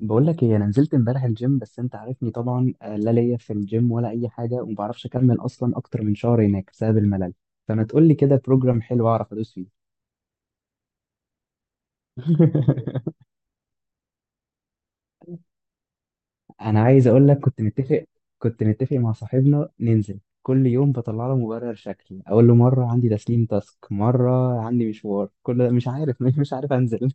بقول لك ايه؟ انا نزلت امبارح الجيم، بس انت عارفني طبعا. لا ليا في الجيم ولا اي حاجه، وما بعرفش اكمل اصلا اكتر من شهر هناك بسبب الملل. فما تقول لي كده بروجرام حلو اعرف ادوس فيه. انا عايز اقول لك، كنت متفق مع صاحبنا ننزل كل يوم، بطلع له مبرر. شكل اقول له مره عندي تسليم تاسك، مره عندي مشوار، كل ده مش عارف. مش عارف انزل.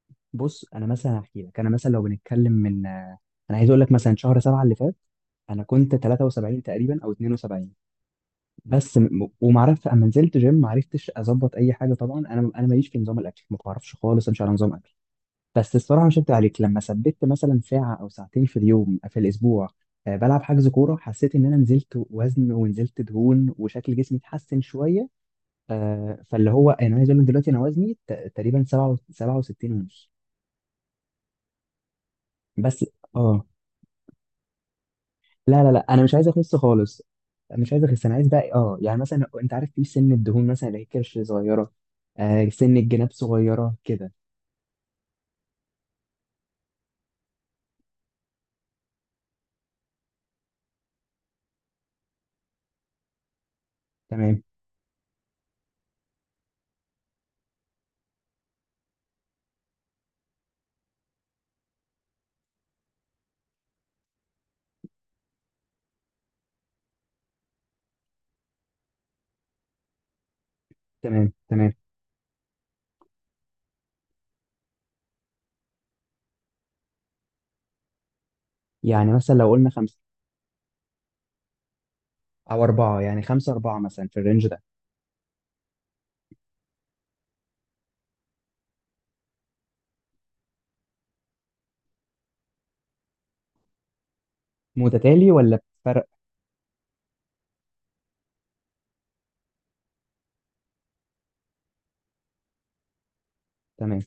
بص، انا مثلا هحكي لك. انا مثلا لو بنتكلم من انا عايز اقول لك مثلا شهر 7 اللي فات انا كنت 73 تقريبا او 72. ومعرفت اما نزلت جيم ما عرفتش اظبط اي حاجه. طبعا انا ماليش في نظام الاكل، ما بعرفش خالص امشي على نظام اكل. بس الصراحه مش هكدب عليك، لما ثبت مثلا ساعه او ساعتين في اليوم في الاسبوع بلعب حجز كوره، حسيت ان انا نزلت وزن ونزلت دهون وشكل جسمي اتحسن شويه. فاللي هو يعني انا عايز اقول لك دلوقتي انا وزني تقريبا 67 ونص. بس اه، لا لا لا، انا مش عايز اخس خالص. مش عايز اخس. انا عايز بقى اه يعني، مثلا انت عارف، في سن الدهون مثلا اللي هي كرش صغيره. آه، سن الجناب صغيره كده. تمام تمام تمام. يعني مثلا لو قلنا خمسه او اربعه، يعني خمسه اربعه مثلا في الرينج ده. متتالي ولا بفرق؟ تمام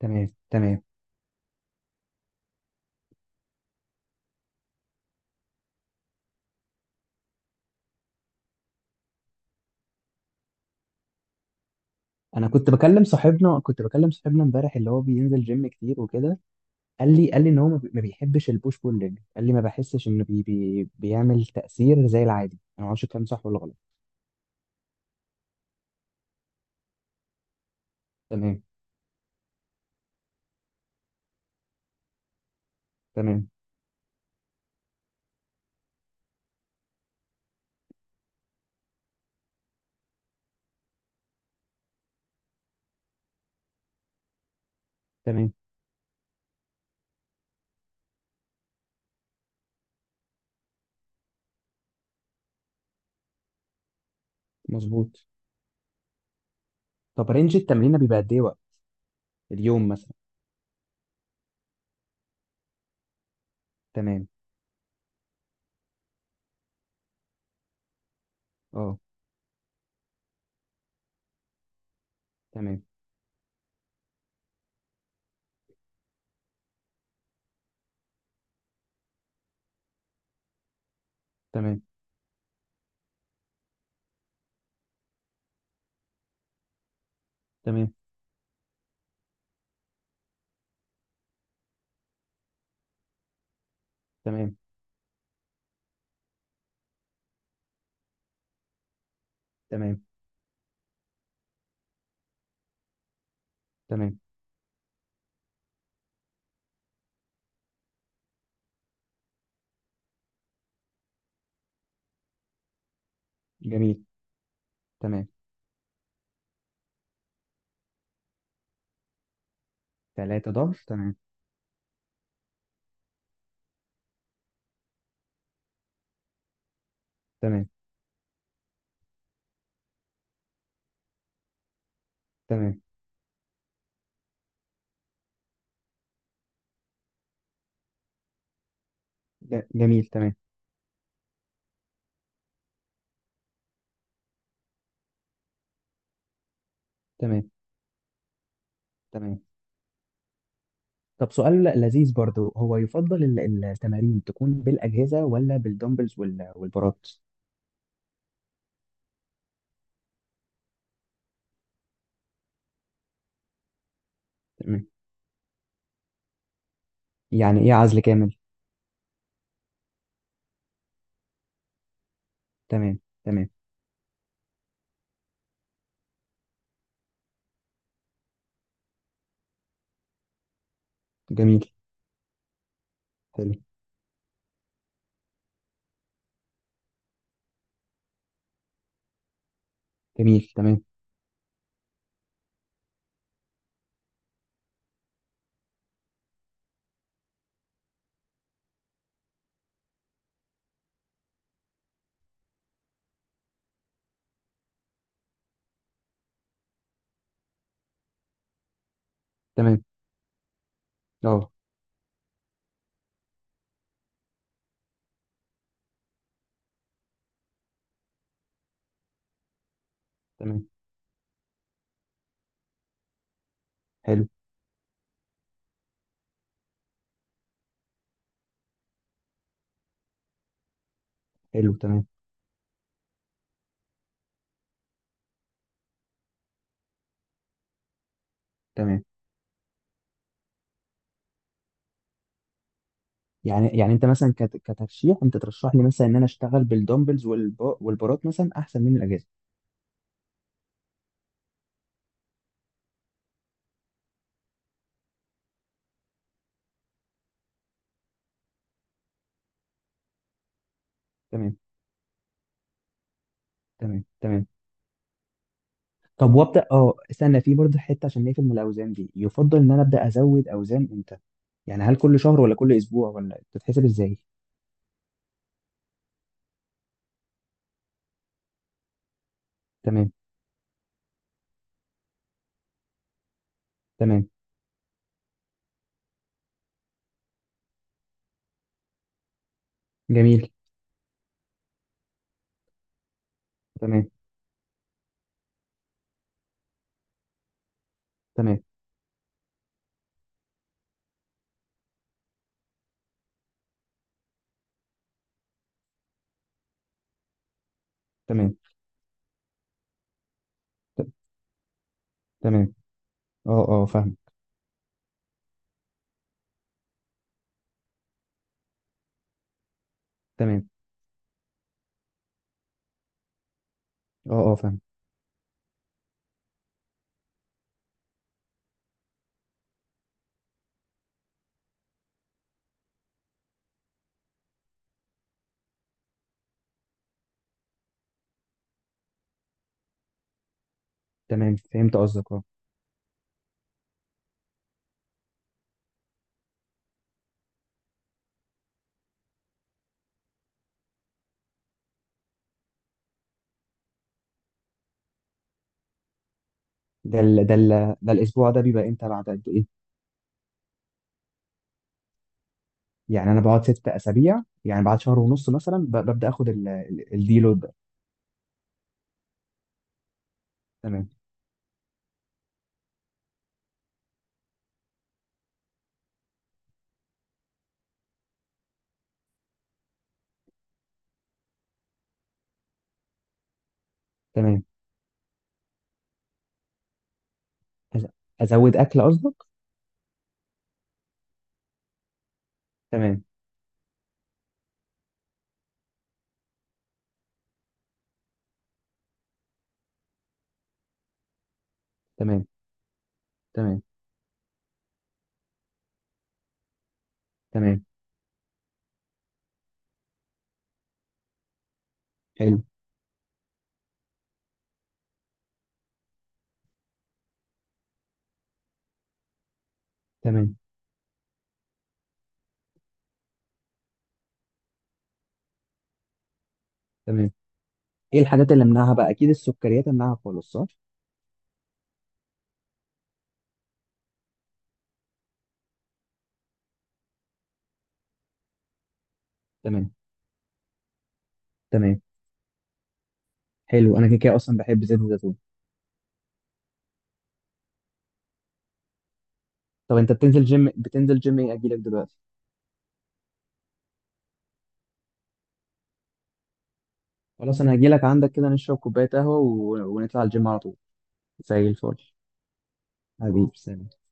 تمام تمام. انا كنت بكلم صاحبنا، امبارح، اللي هو بينزل جيم كتير وكده. قال لي ان هو ما بيحبش البوش بول ليج. قال لي ما بحسش انه بي بي بيعمل تاثير زي العادي. انا ما اعرفش الكلام صح ولا غلط. تمام تمام تمام. مظبوط. طب رينج التمرين بيبقى قد ايه وقت اليوم مثلا؟ تمام. اه، تمام تمام تمام. تمام تمام تمام. جميل تمام. ثلاثة ضغط تمام. تمام تمام. جميل تمام. تمام تمام طب سؤال لذيذ برضو، هو يفضل التمارين تكون بالأجهزة ولا بالدمبلز والبارات؟ تمام. يعني ايه عزل كامل؟ تمام تمام. جميل. حلو. جميل تمام تمام. اه تمام. حلو حلو. تمام تمام. يعني يعني انت مثلا كترشيح، انت ترشح لي مثلا ان انا اشتغل بالدمبلز والبارات مثلا احسن من الاجهزه؟ تمام تمام تمام. طب وابدا اه، استنى في برضه حته عشان نقفل من الاوزان دي. يفضل ان انا ابدا ازود اوزان امتى؟ يعني هل كل شهر ولا كل اسبوع، ولا بتتحسب ازاي؟ تمام تمام. جميل. تمام تمام تمام. ت- تمام. اه اه فاهم. تمام. اه اه فاهم. تمام فهمت قصدك اه. ده ال... ده ال... ده الاسبوع ده بيبقى امتى بعد قد ايه؟ يعني انا بقعد 6 اسابيع، يعني بعد شهر ونص مثلا ببدا اخد الديلود ده. تمام تمام. أز- ازود اكل قصدك؟ تمام تمام تمام تمام. حلو. تمام تمام. ايه الحاجات اللي امنعها بقى؟ اكيد السكريات امنعها خالص، صح؟ تمام تمام. حلو، انا كده كده اصلا بحب زيت الزيتون. طب انت بتنزل جيم، بتنزل جيم ايه؟ اجي لك دلوقتي؟ خلاص انا هجي لك عندك كده، نشرب كوبايه قهوه ونطلع الجيم على طول. زي الفل. حبيبي، سلام.